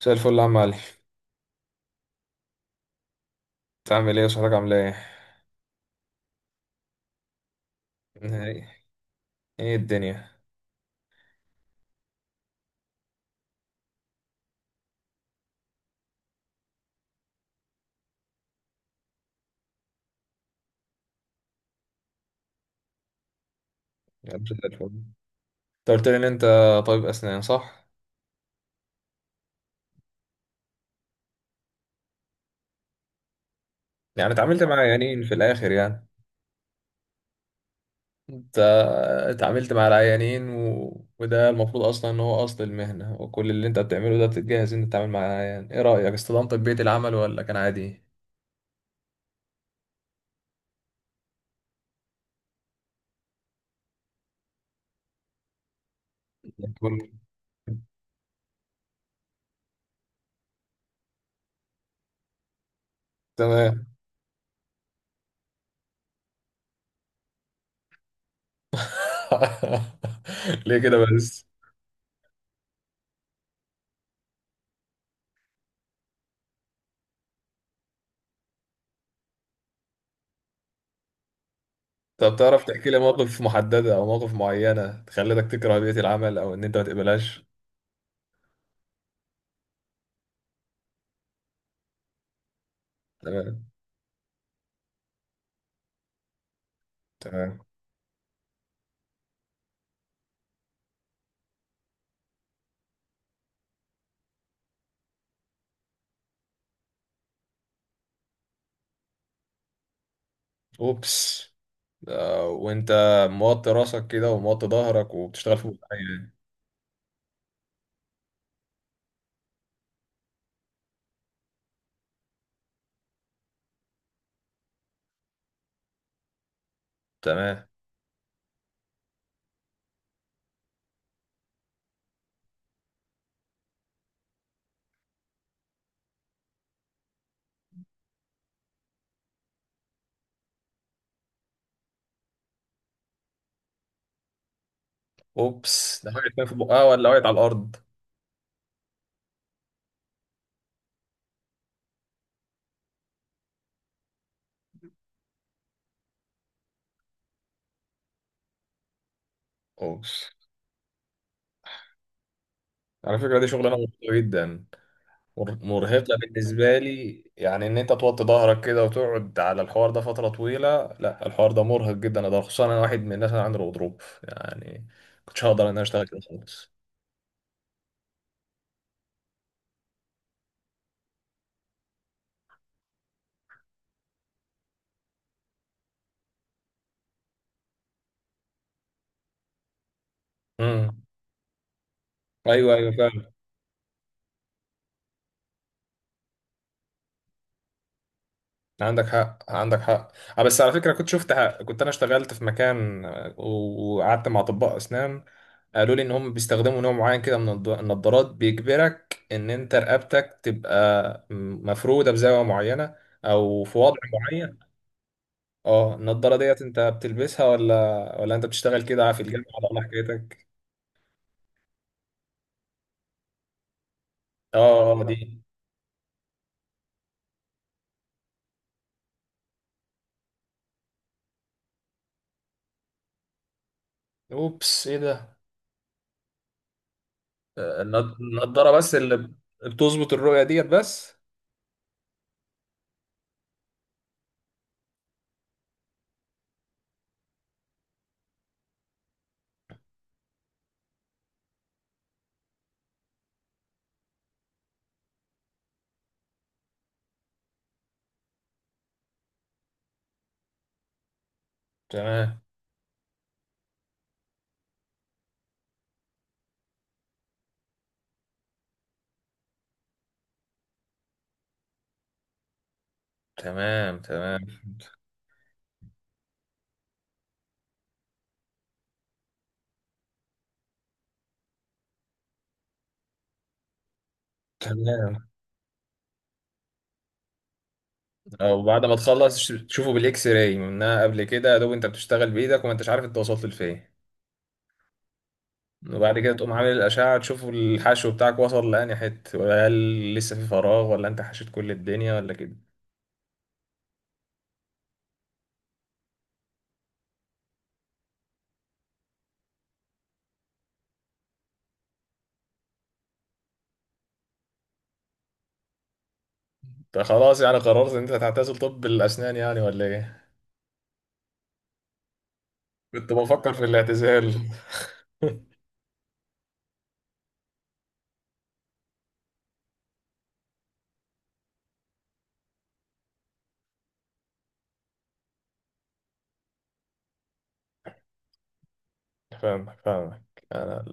مساء الفل يا عم علي. انت عامل ايه وصحتك عامله ايه؟ ايه، ايه الدنيا؟ يا رب زي الفل. انت قلت لي ان انت طبيب اسنان، صح؟ يعني اتعاملت مع عيانين في الاخر يعني؟ انت اتعاملت مع العيانين، و... وده المفروض اصلا ان هو اصل المهنه، وكل اللي انت بتعمله ده بتتجهز ان انت تتعامل مع العيان. ايه رايك، استلمت بيئه العمل ولا كان عادي؟ كله تمام. ليه كده بس؟ طب تعرف تحكي لي موقف محددة أو مواقف معينة خلتك تكره بيئة العمل أو إن أنت ما تقبلهاش؟ تمام. اوبس. وانت موطي راسك كده وموطي ظهرك وبتشتغل في بقاية. تمام. اوبس، ده حاجه في بقها ولا وقعت على الارض؟ اوبس، على فكره دي شغلانه مرهقه جدا. مرهقه بالنسبه لي، يعني ان انت توطي ظهرك كده وتقعد على الحوار ده فتره طويله، لا الحوار ده مرهق جدا ده، خصوصا انا واحد من الناس اللي عنده غضروف يعني. كنتش هقدر ان انا اشتغل كده خالص. امم. ايوه ايوه فعلا. عندك حق عندك حق. اه بس على فكره كنت شفت حق. كنت انا اشتغلت في مكان، وقعدت مع اطباء اسنان. قالوا لي ان هم بيستخدموا نوع معين كده من النضارات، بيجبرك ان انت رقبتك تبقى مفروده بزاويه معينه، او في وضع معين. اه النضاره ديت انت بتلبسها، ولا ولا انت بتشتغل كده في الجامعه، ولا إيه حكايتك؟ اه اه دي. اوبس، ايه ده؟ النضاره بس اللي بتظبط الرؤيه ديت بس؟ تمام تمام. تمام تمام. او بعد ما تخلص تشوفه بالاكس راي منها قبل كده، يا دوب انت بتشتغل بايدك وما انتش عارف انت وصلت لفين. وبعد كده تقوم عامل الاشعه تشوف الحشو بتاعك وصل لاني حته، ولا هل لسه في فراغ، ولا انت حشيت كل الدنيا ولا كده. انت خلاص يعني قررت ان انت هتعتزل طب الاسنان يعني ولا ايه؟ كنت بفكر في الاعتزال. فاهمك فاهمك. انا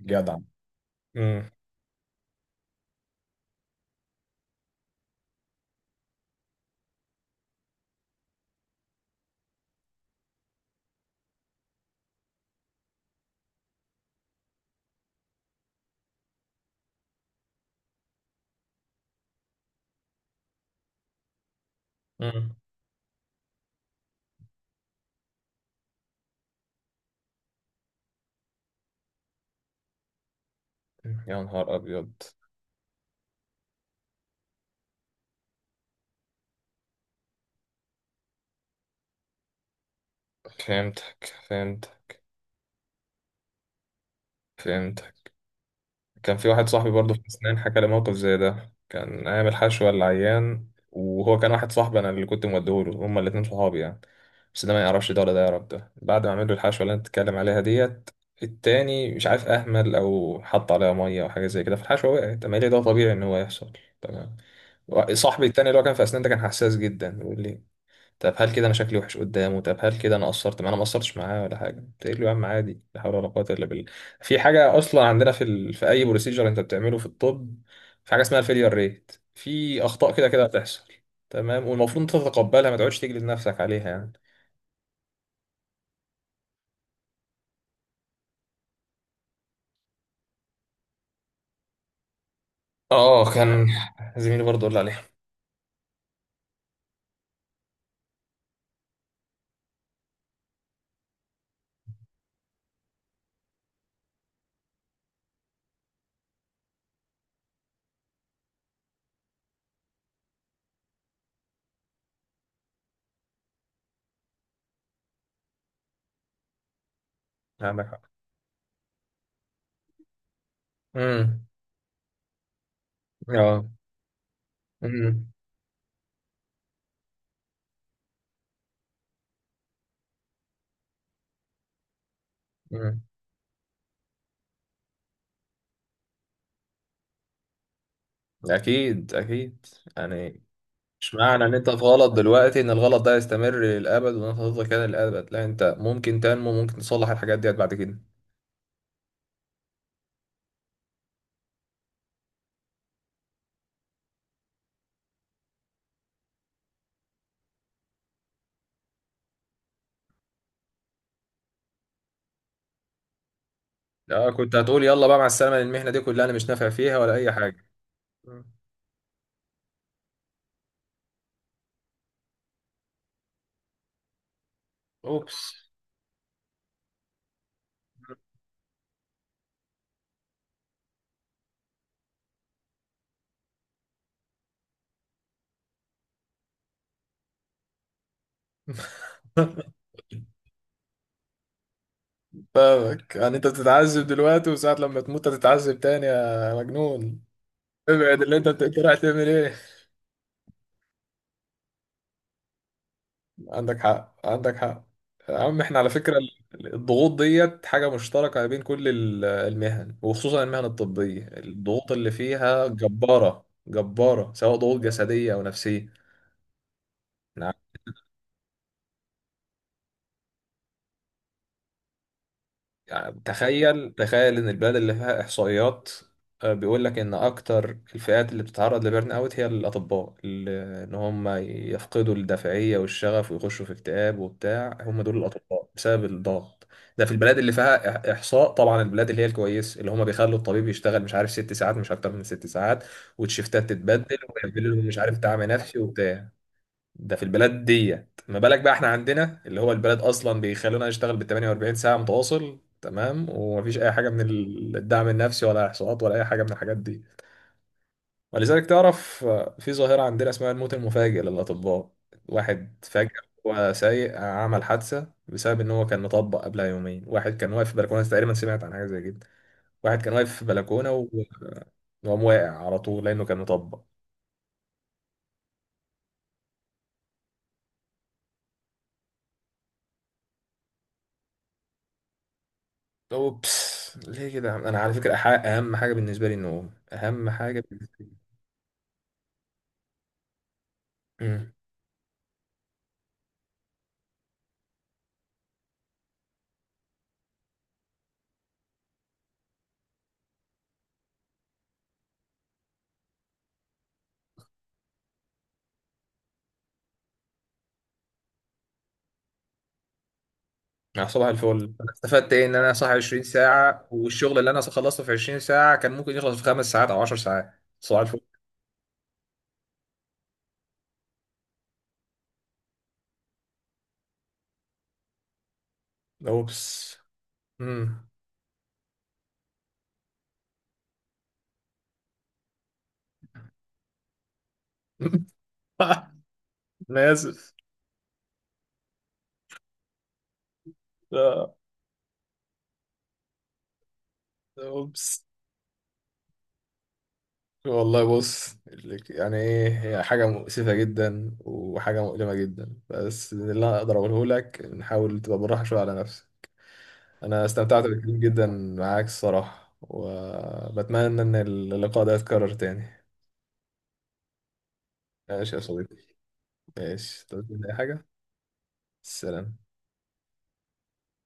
جدع. امم. امم. يا نهار ابيض. فهمتك فهمت. فهمت. كان في واحد صاحبي برضه في أسنان حكى لي موقف زي ده، كان أيام الحشوة العيان. وهو كان واحد صاحبي، أنا اللي كنت موديهوله، هما الاتنين صحابي يعني. بس ده ما يعرفش ده ولا ده يعرف ده. بعد ما عمل له الحشوة اللي أنت بتتكلم عليها ديت، التاني مش عارف أهمل أو حط عليها مية أو حاجة زي كده، فالحشوة وقعت. أما ليه ده طبيعي إن هو يحصل. تمام. صاحبي التاني اللي هو كان في أسنان ده كان حساس جدا، بيقول لي طب هل كده انا شكلي وحش قدامه؟ طب هل كده انا قصرت معاه؟ انا ما قصرتش معاه ولا حاجه. تقول له يا عم عادي، لا حول ولا قوه الا بالله. في حاجه اصلا عندنا في في اي بروسيجر انت بتعمله في الطب، في حاجه اسمها الفيلير ريت، في اخطاء كده كده هتحصل. تمام. والمفروض انت تتقبلها، ما تقعدش تجلد نفسك عليها يعني. اه كان زميلي برضه قال لي عليها. عندك حق. امم. اه. امم. امم. اكيد اكيد. يعني مش معنى ان انت في غلط دلوقتي ان الغلط ده يستمر للابد وان انت هتفضل كده للابد. لا، انت ممكن تنمو، ممكن تصلح الحاجات ديت بعد كده. لا كنت هتقول يلا بقى مع السلامه المهنه دي كلها انا مش نافع فيها ولا اي حاجه. اوبس. فاهمك. يعني انت بتتعذب دلوقتي وساعة لما تموت هتتعذب تاني يا مجنون. ابعد، اللي انت انت رايح تعمل ايه؟ عندك حق عندك حق. يا عم احنا على فكرة الضغوط ديت حاجة مشتركة بين كل المهن، وخصوصا المهن الطبية الضغوط اللي فيها جبارة جبارة، سواء ضغوط جسدية أو نفسية. يعني تخيل تخيل ان البلد اللي فيها احصائيات، بيقول لك ان اكتر الفئات اللي بتتعرض لبرن اوت هي الاطباء ان هم يفقدوا الدافعيه والشغف ويخشوا في اكتئاب وبتاع، هم دول الاطباء بسبب الضغط. ده في البلاد اللي فيها احصاء طبعا. البلاد اللي هي الكويسه اللي هم بيخلوا الطبيب يشتغل مش عارف 6 ساعات، مش اكتر من 6 ساعات، والشيفتات تتبدل، ويعملوا لهم مش عارف دعم نفسي وبتاع. ده في البلاد ديت. ما بالك بقى احنا عندنا اللي هو البلد اصلا بيخلونا نشتغل بال 48 ساعه متواصل، تمام، ومفيش اي حاجه من الدعم النفسي ولا احصاءات ولا اي حاجه من الحاجات دي. ولذلك تعرف في ظاهره عندنا اسمها الموت المفاجئ للاطباء. واحد فجأة هو سايق عمل حادثة بسبب ان هو كان مطبق قبلها يومين. واحد كان واقف في بلكونة تقريبا، سمعت عن حاجة زي كده. واحد كان واقف في بلكونة وقام واقع على طول لانه كان مطبق. اوبس ليه كده يا عم؟ انا على فكره اهم حاجه بالنسبه لي النوم، اهم حاجه بالنسبه لي. امم. مع صباح الفل انا استفدت ايه ان انا صاحي 20 ساعه، والشغل اللي انا خلصته في 20 ساعه كان ممكن يخلص في 5 ساعات او 10 ساعات. صباح الفل. اوبس. امم. انا اسف. آه، اوبس. والله بص. يعني ايه هي حاجه مؤسفه جدا وحاجه مؤلمه جدا، بس اللي انا اقدر اقوله لك نحاول تبقى بالراحه شويه على نفسك. انا استمتعت بالكلام جدا معاك الصراحة، وبتمنى ان اللقاء ده يتكرر تاني. ماشي يا صديقي. ماشي تقول لي اي حاجة. سلام.